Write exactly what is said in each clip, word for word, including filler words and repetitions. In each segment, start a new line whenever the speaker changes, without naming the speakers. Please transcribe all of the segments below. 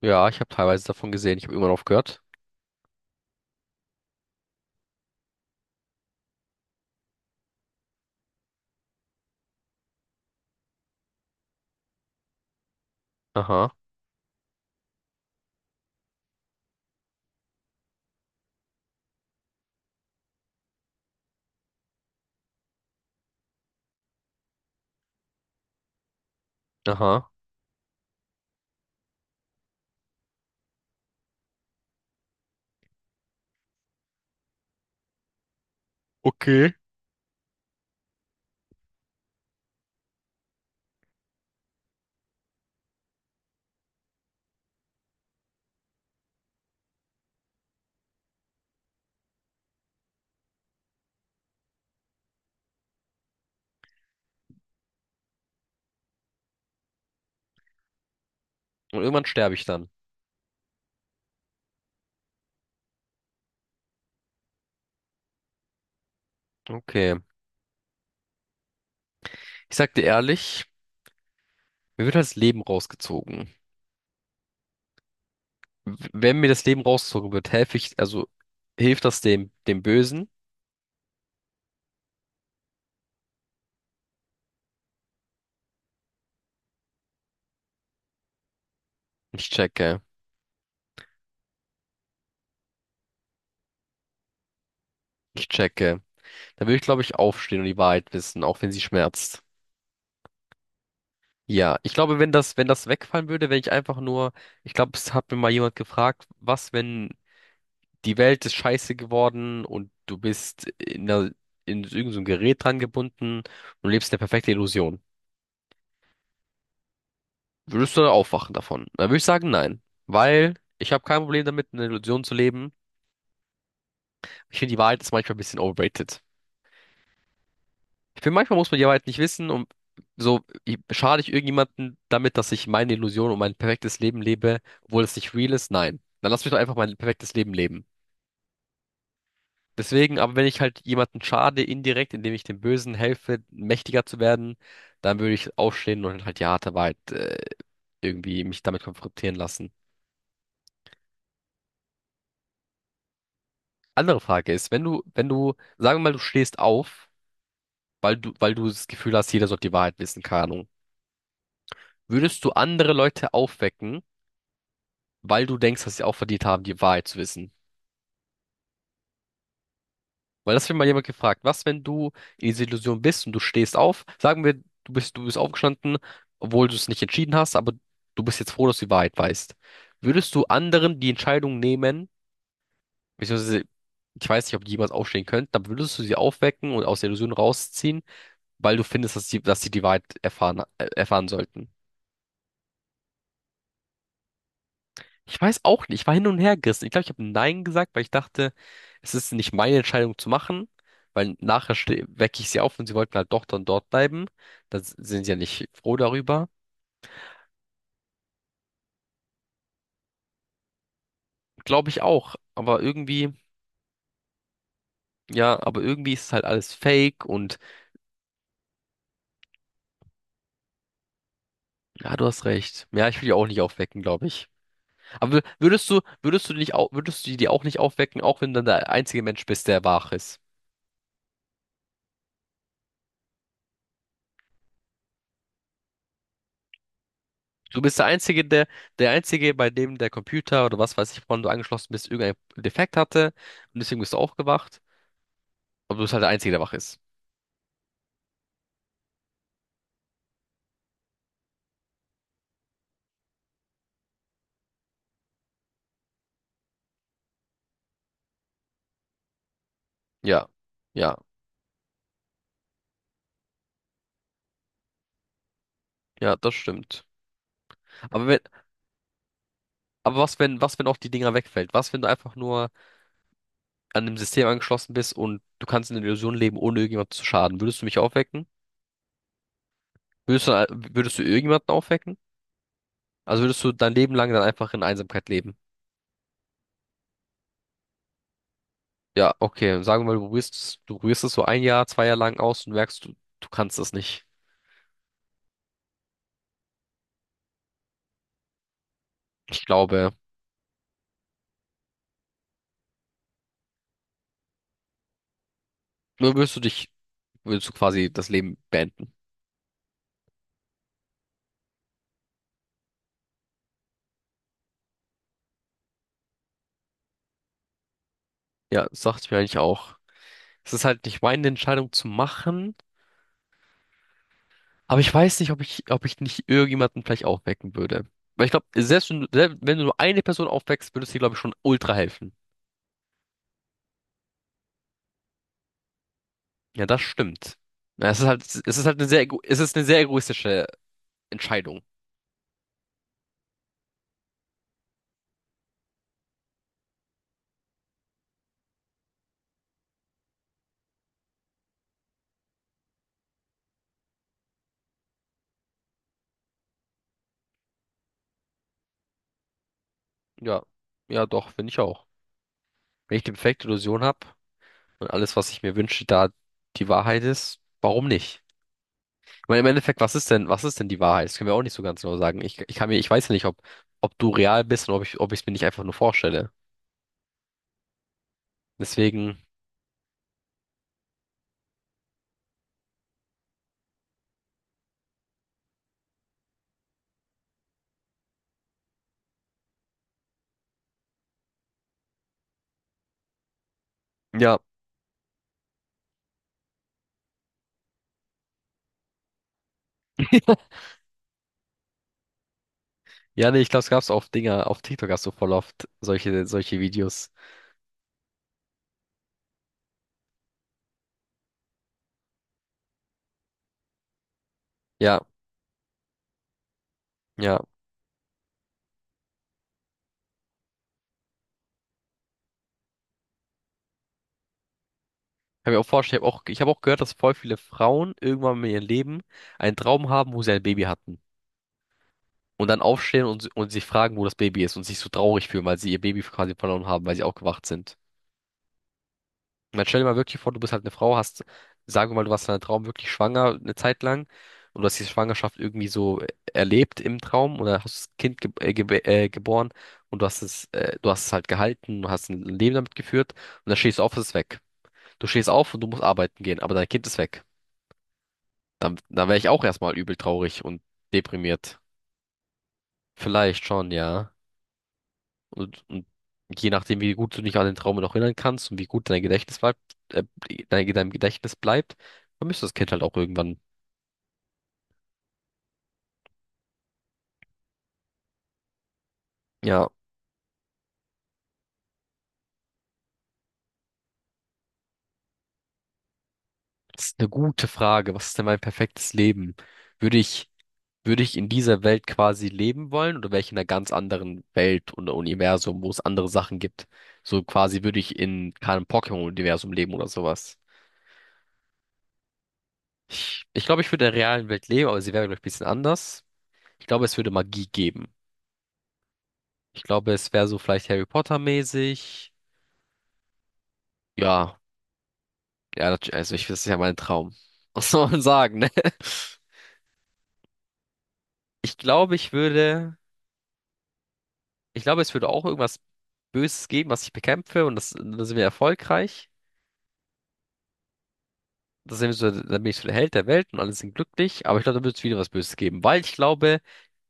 Ja, ich habe teilweise davon gesehen. Ich habe irgendwann aufgehört. Aha, aha. Okay. Und irgendwann sterbe ich dann. Okay. Ich sag dir ehrlich, mir wird halt das Leben rausgezogen. W- Wenn mir das Leben rausgezogen wird, helfe ich, also hilft das dem, dem Bösen? Ich checke. Ich checke. Dann würde ich, glaube ich, aufstehen und die Wahrheit wissen, auch wenn sie schmerzt. Ja, ich glaube, wenn das, wenn das wegfallen würde, wenn ich einfach nur, ich glaube, es hat mir mal jemand gefragt, was, wenn die Welt ist scheiße geworden und du bist in, der, in irgend so ein Gerät dran gebunden und lebst eine perfekte Illusion. Würdest du dann aufwachen davon? Dann würde ich sagen, nein. Weil ich habe kein Problem damit, in einer Illusion zu leben. Ich finde, die Wahrheit ist manchmal ein bisschen overrated. Ich finde, manchmal muss man die Wahrheit nicht wissen und so, ich- schade ich irgendjemanden damit, dass ich meine Illusion und mein perfektes Leben lebe, obwohl es nicht real ist? Nein. Dann lass mich doch einfach mein perfektes Leben leben. Deswegen, aber wenn ich halt jemanden schade indirekt, indem ich dem Bösen helfe, mächtiger zu werden, dann würde ich aufstehen und halt die harte Wahrheit äh, irgendwie mich damit konfrontieren lassen. Andere Frage ist, wenn du, wenn du, sagen wir mal, du stehst auf, weil du, weil du das Gefühl hast, jeder sollte die Wahrheit wissen, keine Ahnung. Würdest du andere Leute aufwecken, weil du denkst, dass sie auch verdient haben, die Wahrheit zu wissen? Weil das hat mich mal jemand gefragt, was, wenn du in dieser Illusion bist und du stehst auf, sagen wir, du bist, du bist aufgestanden, obwohl du es nicht entschieden hast, aber du bist jetzt froh, dass du die Wahrheit weißt. Würdest du anderen die Entscheidung nehmen, beziehungsweise, ich weiß nicht, ob die jemals aufstehen könnten, aber würdest du sie aufwecken und aus der Illusion rausziehen, weil du findest, dass sie, dass sie die Wahrheit erfahren, äh, erfahren sollten? Ich weiß auch nicht, ich war hin und her gerissen. Ich glaube, ich habe Nein gesagt, weil ich dachte, es ist nicht meine Entscheidung zu machen, weil nachher ste- wecke ich sie auf und sie wollten halt doch dann dort bleiben. Da s- sind sie ja nicht froh darüber. Glaube ich auch, aber irgendwie, ja, aber irgendwie ist es halt alles fake und ja, du hast recht. Ja, ich will die auch nicht aufwecken, glaube ich. Aber würdest du, würdest du dich auch, würdest du die auch nicht aufwecken, auch wenn du dann der einzige Mensch bist, der wach ist? Du bist der Einzige, der, der Einzige, bei dem der Computer oder was weiß ich, woran du angeschlossen bist, irgendein Defekt hatte. Und deswegen bist du aufgewacht. Aber du bist halt der Einzige, der wach ist. Ja. Ja. Ja, das stimmt. Aber wenn, aber was, wenn, was, wenn auch die Dinger wegfällt? Was, wenn du einfach nur an dem System angeschlossen bist und du kannst in der Illusion leben, ohne irgendjemand zu schaden? Würdest du mich aufwecken? Würdest du, würdest du irgendjemanden aufwecken? Also würdest du dein Leben lang dann einfach in Einsamkeit leben? Ja, okay. Sagen wir mal, du probierst, es- du probierst es so ein Jahr, zwei Jahre lang aus und merkst, du, du kannst das nicht. Ich glaube, nur würdest du dich, würdest du quasi das Leben beenden. Ja, das dachte ich mir eigentlich auch. Es ist halt nicht meine Entscheidung zu machen, aber ich weiß nicht, ob ich, ob ich nicht irgendjemanden vielleicht aufwecken würde. Weil ich glaube, selbst wenn, du- selbst wenn du nur eine Person aufweckst, würde es dir, glaube ich, schon ultra helfen. Ja, das stimmt. Ja, es ist halt, es ist halt eine sehr, ego- es ist eine sehr egoistische Entscheidung. Ja, ja, doch, finde ich auch. Wenn ich die perfekte Illusion habe und alles, was ich mir wünsche, da die Wahrheit ist, warum nicht? Ich meine, im Endeffekt, was ist denn, was ist denn die Wahrheit? Das können wir auch nicht so ganz genau sagen. Ich, ich kann mir, ich weiß ja nicht, ob, ob du real bist und ob ich, ob ich es mir nicht einfach nur vorstelle. Deswegen, ja. Ja, nee, ich glaube, es gab's auf Dinger, auf TikTok hast du voll oft solche, solche Videos. Ja, ja. Kann mir auch vorstellen, ich habe auch, ich hab auch gehört, dass voll viele Frauen irgendwann in ihrem Leben einen Traum haben, wo sie ein Baby hatten. Und dann aufstehen und, und sich fragen, wo das Baby ist und sich so traurig fühlen, weil sie ihr Baby quasi verloren haben, weil sie aufgewacht sind. Und dann stell dir mal wirklich vor, du bist halt eine Frau, hast, sagen wir mal, du warst in einem Traum wirklich schwanger eine Zeit lang und du hast diese Schwangerschaft irgendwie so erlebt im Traum oder hast das Kind ge äh, gebe- äh, geboren und du hast es, äh, du hast es halt gehalten, du hast ein Leben damit geführt und dann stehst du auf, es ist weg. Du stehst auf und du musst arbeiten gehen, aber dein Kind ist weg. Dann, dann wäre ich auch erstmal übel traurig und deprimiert. Vielleicht schon, ja. Und, und je nachdem, wie gut du dich an den Traum noch erinnern kannst und wie gut dein Gedächtnis bleibt, äh, dein, dein Gedächtnis bleibt, vermisst das Kind halt auch irgendwann. Ja, das ist eine gute Frage. Was ist denn mein perfektes Leben? Würde ich, würde ich in dieser Welt quasi leben wollen oder wäre ich in einer ganz anderen Welt und Universum, wo es andere Sachen gibt? So quasi würde ich in keinem Pokémon-Universum leben oder sowas. Ich, ich glaube, ich würde in der realen Welt leben, aber sie wäre, glaube ich, ein bisschen anders. Ich glaube, es würde Magie geben. Ich glaube, es wäre so vielleicht Harry Potter-mäßig. Ja, ja, nat- also ich, das ist ja mein Traum. Was soll man sagen, ne? Ich glaube, ich würde, ich glaube, es würde auch irgendwas Böses geben, was ich bekämpfe und das, dann sind wir erfolgreich. Das sind wir so, dann bin ich so der Held der Welt und alle sind glücklich. Aber ich glaube, da wird es wieder was Böses geben, weil ich glaube,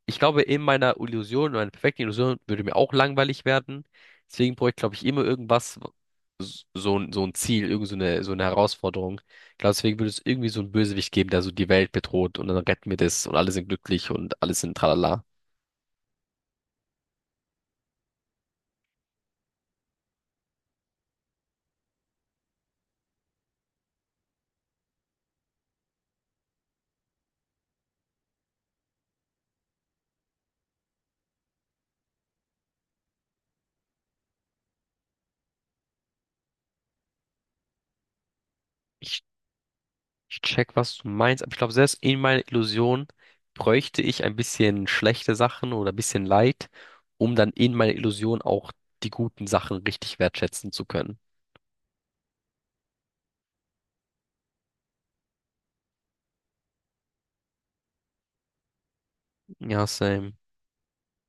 ich glaube, in meiner Illusion, in meiner perfekten Illusion würde mir auch langweilig werden. Deswegen brauche ich, glaube ich, immer irgendwas, so, ein- so ein Ziel, irgend so eine, so eine Herausforderung. Ich glaube, deswegen würde es irgendwie so einen Bösewicht geben, der so die Welt bedroht und dann retten wir das und alle sind glücklich und alles sind tralala. Ich, ich check, was du meinst, aber ich glaube, selbst in meiner Illusion bräuchte ich ein bisschen schlechte Sachen oder ein bisschen Leid, um dann in meiner Illusion auch die guten Sachen richtig wertschätzen zu können. Ja, same.